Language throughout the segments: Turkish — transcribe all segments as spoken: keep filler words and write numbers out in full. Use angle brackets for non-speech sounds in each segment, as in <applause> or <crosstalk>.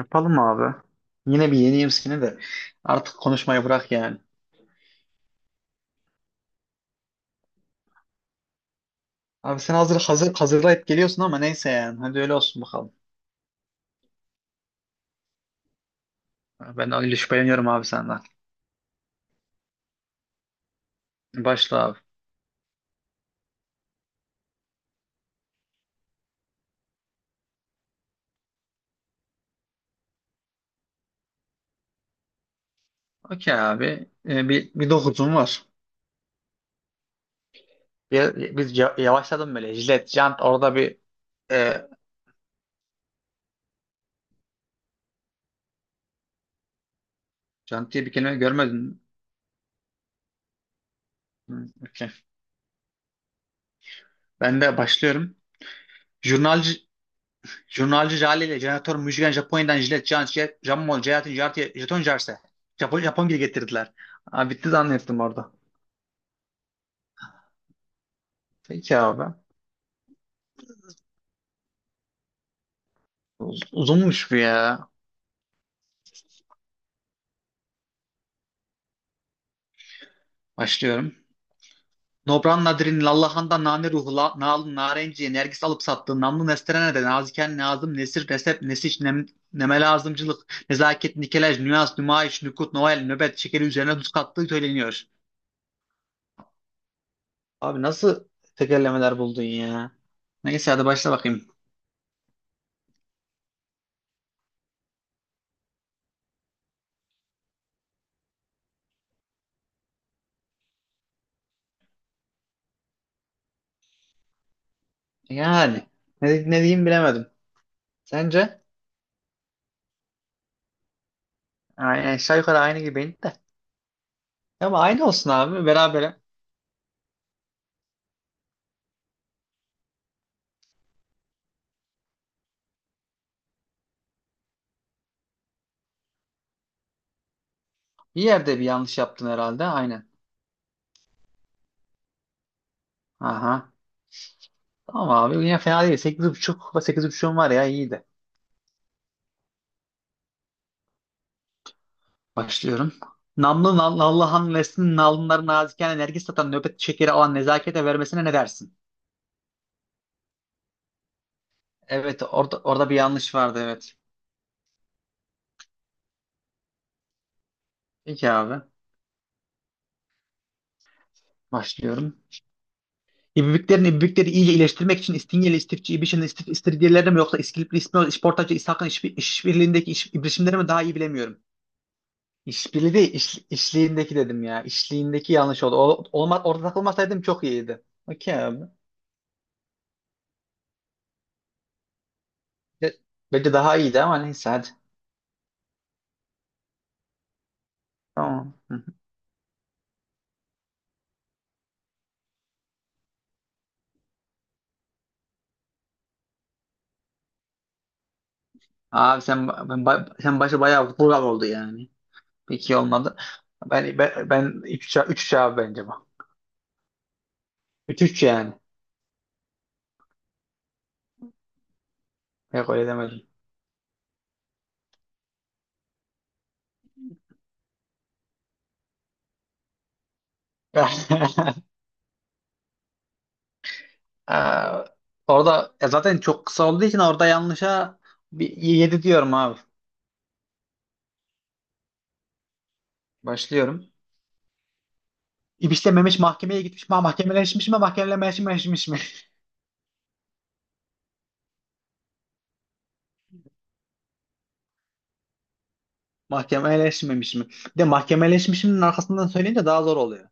Yapalım abi. Yine bir yeneyim seni de. Artık konuşmayı bırak yani. Abi sen hazır hazır hazırlayıp geliyorsun ama neyse yani. Hadi öyle olsun bakalım. Ben öyle şüpheleniyorum abi senden. Başla abi. Okey abi. Ee, bir, bir dokuzum var. Bir, biz ya- yavaşladım böyle. Jilet, jant orada bir e, jant diye bir kelime görmedin mi? Hı, okey. Ben de başlıyorum. Jurnalci Jurnalci Jale ile jeneratör Müjgan Japonya'dan jilet, jant, jet, jammol, jayatin, jartiye, jeton, jarse. Japon, Japon gibi getirdiler. Abi bitti zannettim orada. Peki abi. Uz- Uzunmuş bu ya. Başlıyorum. Nobran Nadir'in Lallahan'da nane ruhla la, nalın narenciye nergis alıp sattığı namlu nesterene naziken nazım nesir nesep nesiş nem, neme lazımcılık nezaket nikelaj nüans nümayiş nükut noel nöbet şekeri üzerine tuz kattığı söyleniyor. Abi nasıl tekerlemeler buldun ya? Neyse hadi başla bakayım. Yani ne, ne diyeyim bilemedim. Sence? Aynen aşağı yukarı aynı gibiydi de. Ama aynı olsun abi berabere. Bir yerde bir yanlış yaptın herhalde aynen. Aha. Tamam abi yine fena değil. sekiz buçuk ve sekiz buçuğum var ya iyiydi. Başlıyorum. Namlı nal- Allah'ın versin nalınların naziken enerji satan nöbet şekeri alan nezakete vermesine ne dersin? Evet orada, orada bir yanlış vardı evet. Peki abi başlıyorum. İbibiklerin ibibikleri iyice iyileştirmek için İstingeli, İstifçi, İbiş'in istif, İstiridyeleri mi yoksa İskilipli, İsmail, İşportacı, İshak'ın iş, işbirliğindeki iş, ibrişimleri mi daha iyi bilemiyorum. İşbirliği değil, iş, işliğindeki dedim ya. İşliğindeki yanlış oldu. O, olma, orada takılmasaydım çok iyiydi. Okey abi. Be- Belki daha iyiydi ama neyse hadi. Tamam. Hı hı. Abi sen ba- ben ba- sen başı bayağı vural oldu yani. Pek iyi olmadı. Ben ben, ben üç 3 abi bence bu. Üç üç yani. Yok öyle demedim. <laughs> Aa, orada e, zaten çok kısa olduğu için orada yanlışa bir yedi diyorum abi. Başlıyorum. İpişlememiş mahkemeye gitmiş mi? Ha, mahkemeleşmiş mi? Mahkemeleşmemiş mi? <laughs> Mahkemeleşmemiş mi? Bir de mahkemeleşmişimin arkasından söyleyince daha zor oluyor.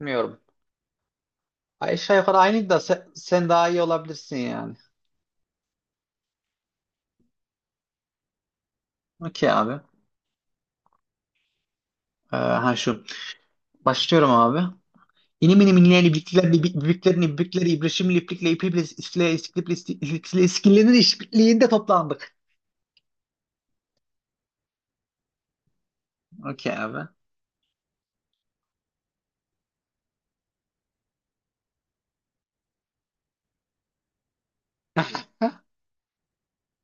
Bilmiyorum. Aşağı yukarı aynıydı da sen, sen daha iyi olabilirsin yani. Okey abi. Ee, ha şu. Başlıyorum abi. İnim inim inleyeni bükler büklerini bükleri ibrişim liplikle ipikle iskile iskiliple iskile iskillerin işbirliğinde toplandık. Okey abi.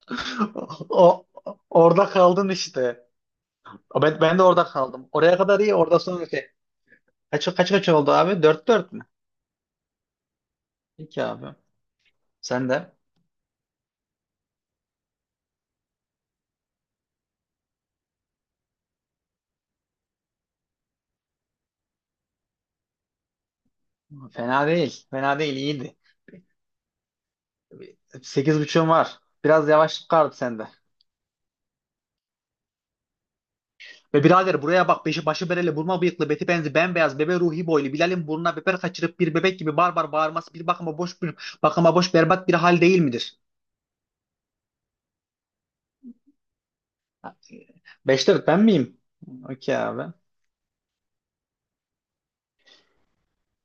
<laughs> O, o- orada kaldın işte. O Ben, ben de orada kaldım. Oraya kadar iyi orada sonra şey. Kaç kaç kaç oldu abi? Dört dört mü? Peki abi. Sen de. Fena değil. Fena değil iyiydi. sekiz buçuğun var. Biraz yavaşlık kaldı sende. Ve birader buraya bak beşi başı bereli burma bıyıklı beti benzi bembeyaz bebe ruhi boylu Bilal'in burnuna biber kaçırıp bir bebek gibi barbar bağırması bir bakıma boş bir bakıma boş berbat bir hal değil midir? Beşte evet, ben miyim? Okey abi.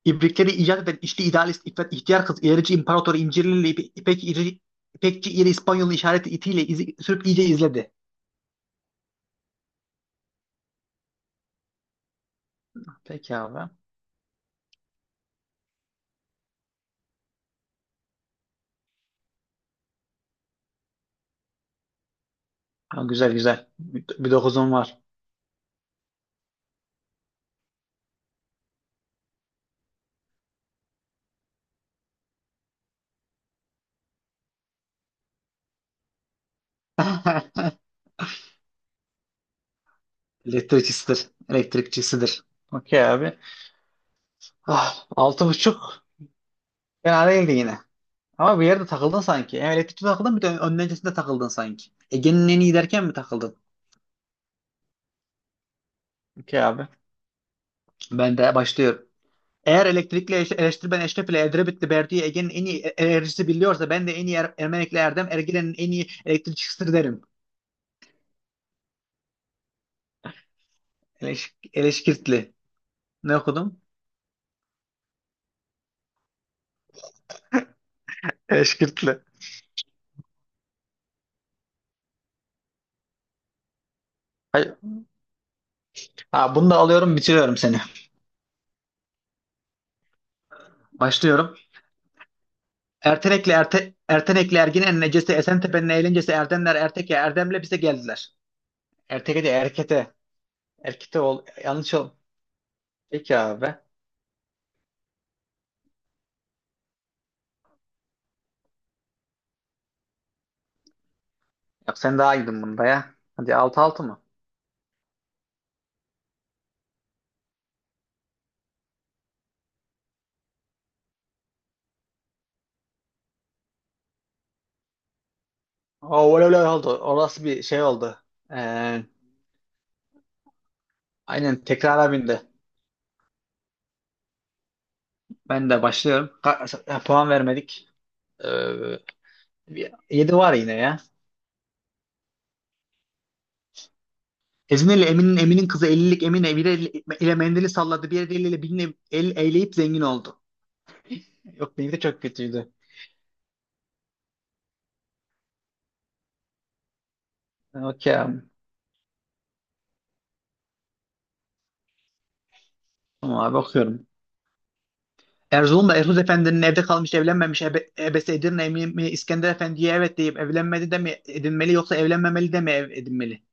İbrikleri icat eden içli idealist İffet ihtiyar kız ilerici imparatoru İncirlili İpe- İpek İri, İpekçi İri İspanyol'un işareti itiyle izi, sürüp iyice izledi. Peki abi. Ha, güzel güzel. Bir, bir dokuzum var. <laughs> Elektrikçisidir. Elektrikçisidir. Okey abi. Ah, altı buçuk. Fena değildi yine. Ama bir yerde takıldın sanki. Hem elektrikte takıldın bir de ön- öncesinde takıldın sanki. Ege'nin en iyi derken mi takıldın? Okey abi. Ben de başlıyorum. Eğer elektrikle eleş- eleştiri ben Eşref ile Edrebitli Berdi'yi Ege'nin en iyi e- enerjisi biliyorsa ben de en iyi er Ermenikli Erdem Ergilen'in en iyi elektrikçisidir derim. Eleş Eleşkirtli. Ne okudum? Eleşkirtli. Hayır. Ha, bunu da alıyorum bitiriyorum seni. Başlıyorum. Ertenekli Erte Ertenekli Ergin'in necesi Esentepe'nin eğlencesi Erdemler Erteke Erdem'le bize geldiler. Erteke de Erkete. Erkite ol. Yanlış ol. Peki abi. Yap sen daha iyiydin bunda ya. Hadi altı altı mı? Oo, öyle öyle oldu. Orası bir şey oldu. Ee, aynen tekrara bindi. Ben de başlıyorum. Ka- ya, puan vermedik. Ee, yedi var yine ya. Ezine ile Emin'in Emin'in kızı ellilik Emine bir el ile mendili salladı. Bir eliyle birini el el eyleyip zengin oldu. Yok benimki de çok kötüydü. Okey abi. Tamam abi okuyorum. Erzurum'da Ertuğrul Efendi'nin evde kalmış evlenmemiş ebe, ebesi Edirne mi, İskender Efendi'ye evet deyip evlenmedi de mi edinmeli yoksa evlenmemeli de mi ev edinmeli?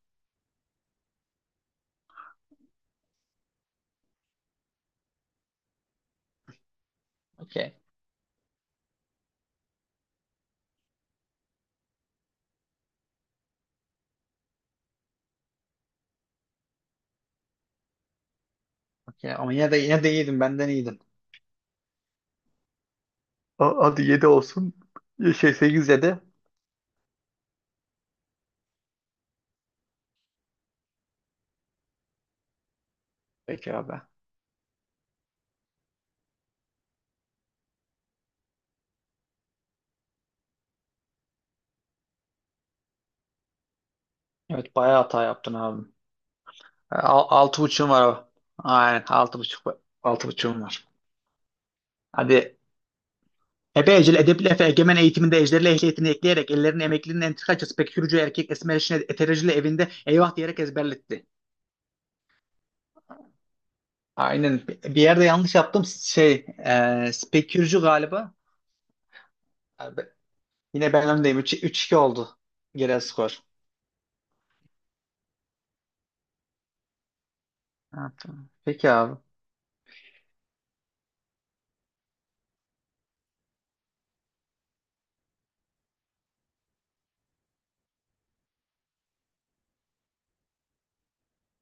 Okey. Okey. Ama yine de yine de iyiydin benden iyiydin. A- Hadi yedi olsun. Şey sekiz yedi. Peki abi. Evet bayağı hata yaptın abi. Al, altı buçuğum var abi. Aynen altı buçuk. Altı buçuğum var. Hadi. Ebe Ecel Edepli Efe Egemen eğitiminde ejderli ehliyetini ekleyerek ellerini emeklinin entrikacısı pek yürücü erkek esmer işine etericili evinde eyvah diyerek ezberletti. Aynen. Bir yerde yanlış yaptım. Şey, e, Spekürcü galiba. Abi, yine ben öndeyim. Üç iki oldu genel skor. Ha, tamam. Peki abi.